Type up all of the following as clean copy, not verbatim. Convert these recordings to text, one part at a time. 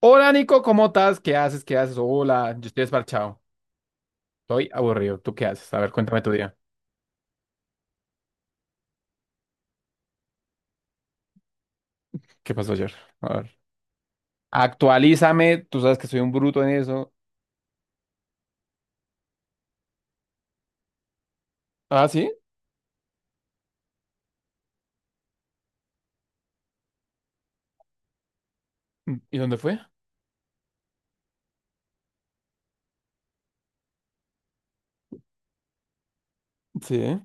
Hola, Nico, ¿cómo estás? ¿Qué haces? Hola, yo estoy desparchado. Estoy aburrido. ¿Tú qué haces? A ver, cuéntame tu día. ¿Qué pasó ayer? A ver. Actualízame. Tú sabes que soy un bruto en eso. Ah, ¿sí? ¿Y dónde fue? Sí.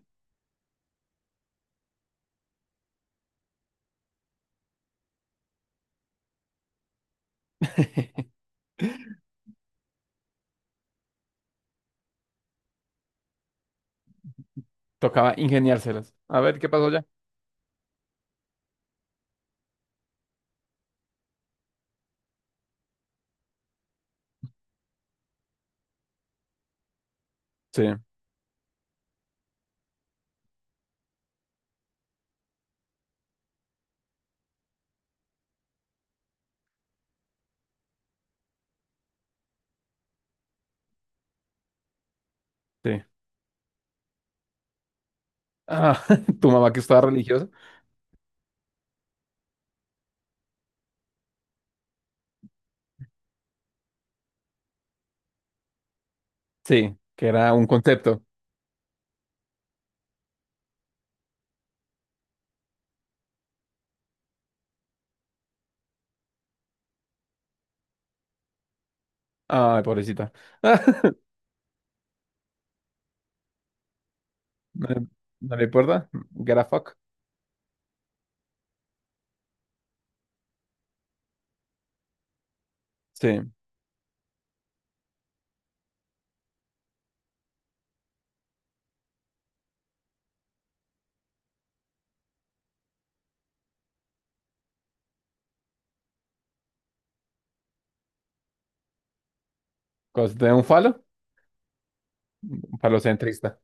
Tocaba ingeniárselas. A ver, ¿qué pasó ya? Sí, sí. Ah, tu mamá que estaba religiosa. Sí, que era un concepto. Ay, pobrecita. No, le no le importa. Get a fuck. Sí. ¿Cos- de un falo? Un falocentrista.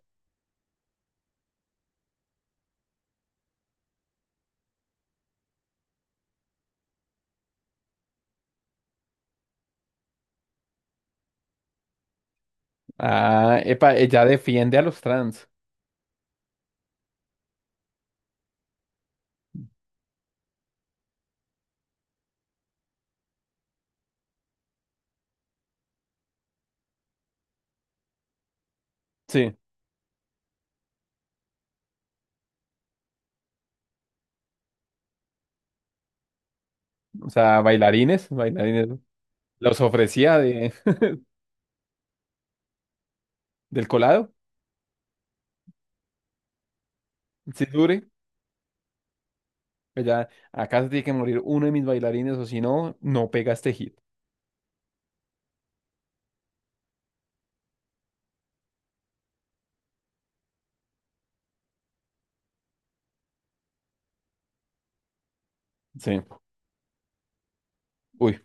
Ah, epa, ella defiende a los trans. Sí, o sea, bailarines, bailarines. Los ofrecía de, del colado, si dure. Pues ya, acá se tiene que morir uno de mis bailarines o si no, no pega este hit. Sí, uy,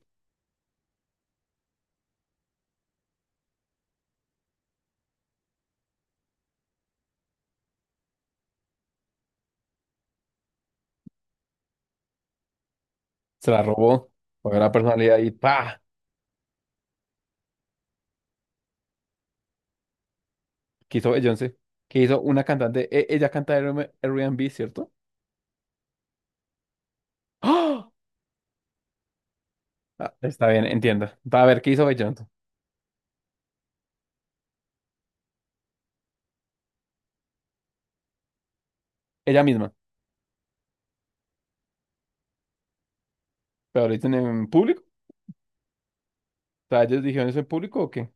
se la robó. Fue una personalidad y pa, quiso Beyoncé, que hizo una cantante, ella canta and B, ¿cierto? ¡Ah! Ah, está bien, entiendo. Va a ver, ¿qué hizo Beyoncé? Ella misma, pero lo dicen en público. ¿O sea, ellos dijeron eso en público o qué?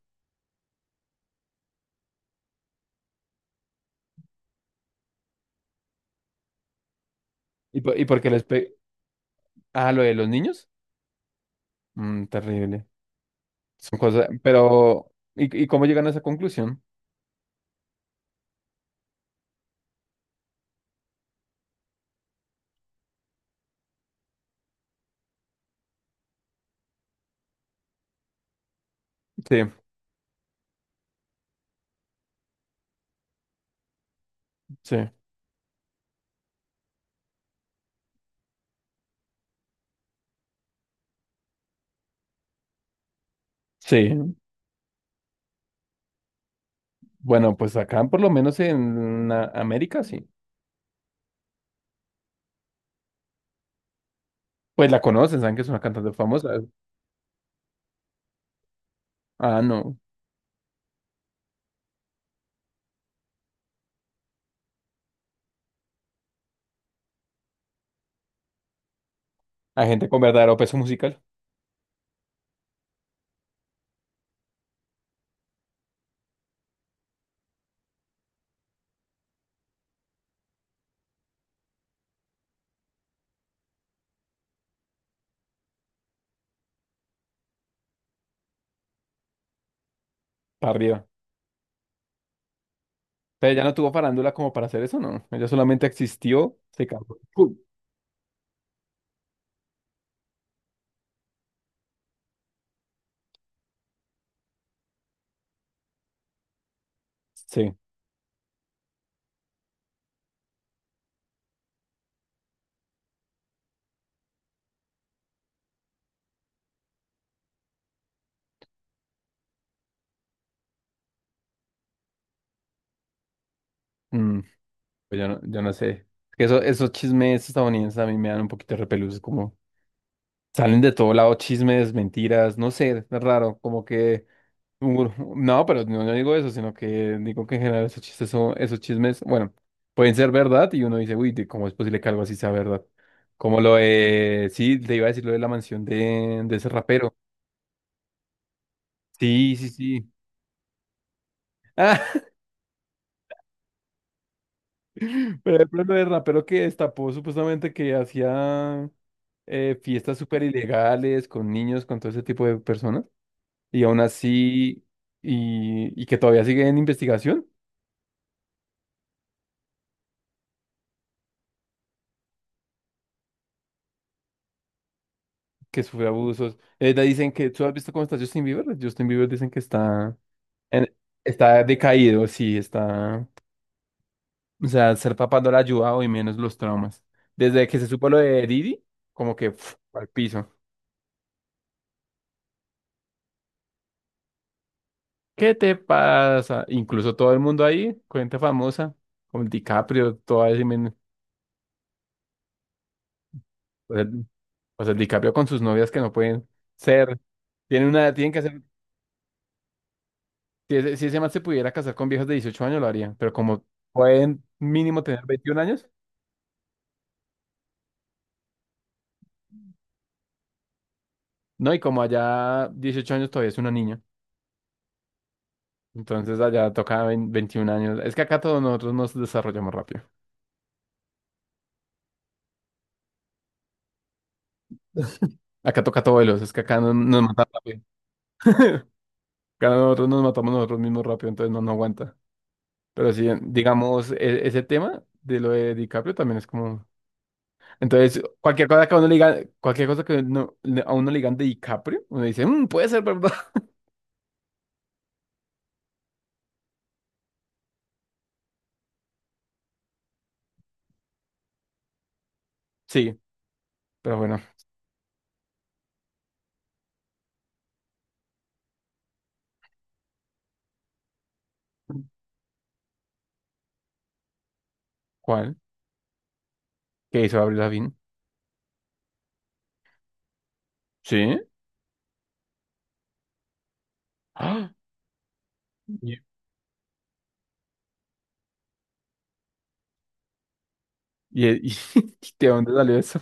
¿y por qué les Ah, lo de los niños? Mm, terrible. Son cosas, pero y cómo llegan a esa conclusión? Sí, sí, sí. Bueno, pues acá por lo menos en América sí. Pues la conocen, saben que es una cantante famosa. Ah, no. Hay gente con verdadero peso musical para arriba. Pero ella no tuvo farándula como para hacer eso, ¿no? Ella solamente existió, se casó. ¡Pum! Sí. Mm, pues yo no, yo no sé. Es que eso, esos chismes estadounidenses a mí me dan un poquito de repelús, como salen de todo lado chismes, mentiras, no sé, es raro, como que no, pero no, no digo eso, sino que digo que en general esos chistes son, esos chismes, bueno, pueden ser verdad y uno dice, uy, ¿cómo es posible que algo así sea verdad? Como lo de, sí, te iba a decir lo de la mansión de ese rapero. Sí, sí, sí. Ah, pero el problema del rapero que destapó supuestamente que hacía fiestas súper ilegales con niños, con todo ese tipo de personas, y aún así, y que todavía sigue en investigación. Que sufre abusos. Le dicen que, ¿tú has visto cómo está Justin Bieber? Justin Bieber dicen que está, en- está decaído, sí, está, o sea, ser papá no le ha ayudado y menos los traumas. Desde que se supo lo de Didi, como que pf, al piso. ¿Qué te pasa? Incluso todo el mundo ahí, cuenta famosa, como el DiCaprio, toda ese o sea, o sea, el DiCaprio con sus novias que no pueden ser, tienen una, tienen que hacer, si ese, si ese man se pudiera casar con viejas de 18 años lo haría, pero como pueden mínimo tener 21 años. No, y como allá 18 años todavía es una niña, entonces allá toca 21 años. Es que acá todos nosotros nos desarrollamos rápido. Acá toca todo veloz, es que acá nos matan rápido. Acá nosotros nos matamos nosotros mismos rápido, entonces no, no aguanta. Pero sí, digamos, ese tema de lo de DiCaprio también es como... Entonces, cualquier cosa que a uno le digan, cualquier cosa que a uno le digan de DiCaprio, uno dice, "Mm, puede ser, ¿verdad?" Sí, pero bueno, ¿cuál? ¿Qué hizo Avril Lavigne? Sí. ¡Ah! ¿Y, y- y- ¿de dónde salió eso?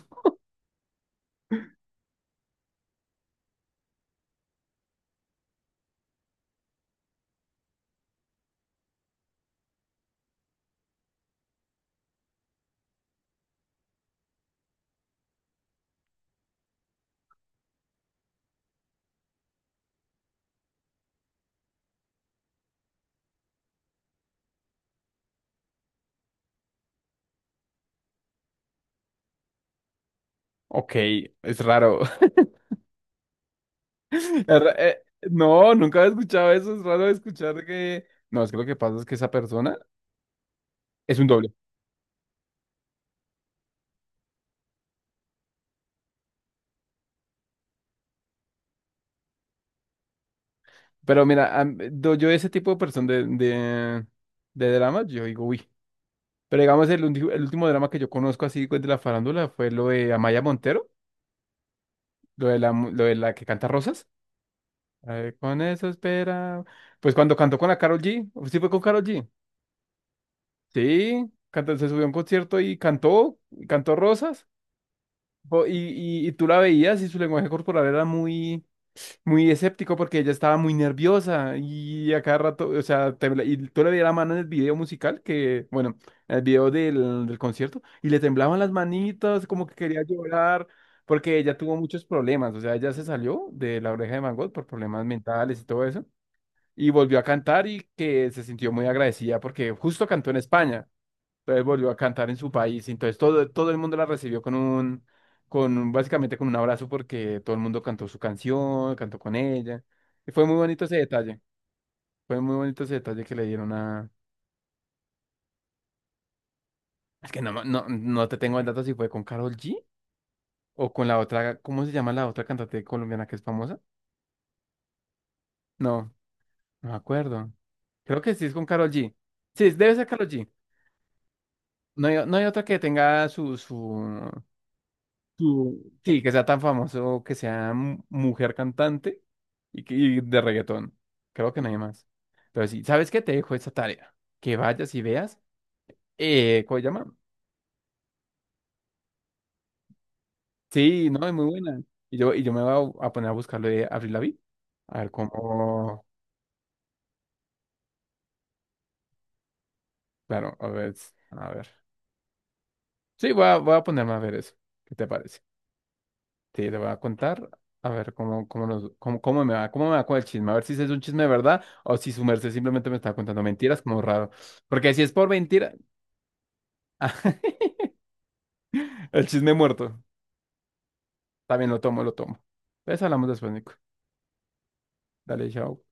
Ok, es raro. Es ra- eh, No, nunca había escuchado eso. Es raro escuchar que. No, es que lo que pasa es que esa persona es un doble. Pero mira, yo ese tipo de persona de dramas, yo digo, uy. Pero digamos, el, el último drama que yo conozco así pues, de la farándula fue lo de Amaya Montero, lo de la, lo de la que canta Rosas. A ver, con eso espera. Pues cuando cantó con la Karol G, sí fue con Karol G. Sí, cantó, se subió a un concierto y cantó Rosas. Y tú la veías y su lenguaje corporal era muy, muy escéptico porque ella estaba muy nerviosa y a cada rato, o sea, y tú le veías la mano en el video musical que, bueno, en el video del, del concierto y le temblaban las manitas, como que quería llorar porque ella tuvo muchos problemas, o sea, ella se salió de la oreja de Van Gogh por problemas mentales y todo eso y volvió a cantar y que se sintió muy agradecida porque justo cantó en España. Entonces volvió a cantar en su país. Entonces todo, todo el mundo la recibió con un, básicamente con un abrazo porque todo el mundo cantó su canción, cantó con ella. Y fue muy bonito ese detalle. Fue muy bonito ese detalle que le dieron a... Es que no, no, no te tengo el dato si fue con Karol G o con la otra, ¿cómo se llama la otra cantante colombiana que es famosa? No, no me acuerdo. Creo que sí es con Karol G. Sí, debe ser Karol G. No hay, no hay otra que tenga su, sí, que sea tan famoso, que sea mujer cantante y, y de reggaetón. Creo que nadie más. Pero sí, ¿sabes qué? Te dejo esa tarea. Que vayas y veas. ¿Cómo se llama? Sí, no, es muy buena. Y yo me voy a poner a buscarlo de Avril Lavigne. A ver cómo. Claro, a ver. A ver. Sí, voy a, voy a ponerme a ver eso. ¿Qué te parece? Sí, te voy a contar. A ver cómo, cómo, cómo, cómo me va con el chisme. A ver si ese es un chisme de verdad o si su merced simplemente me está contando mentiras, como raro. Porque si es por mentira, el chisme muerto. También lo tomo, lo tomo. Pues hablamos después, Nico. Dale, chao.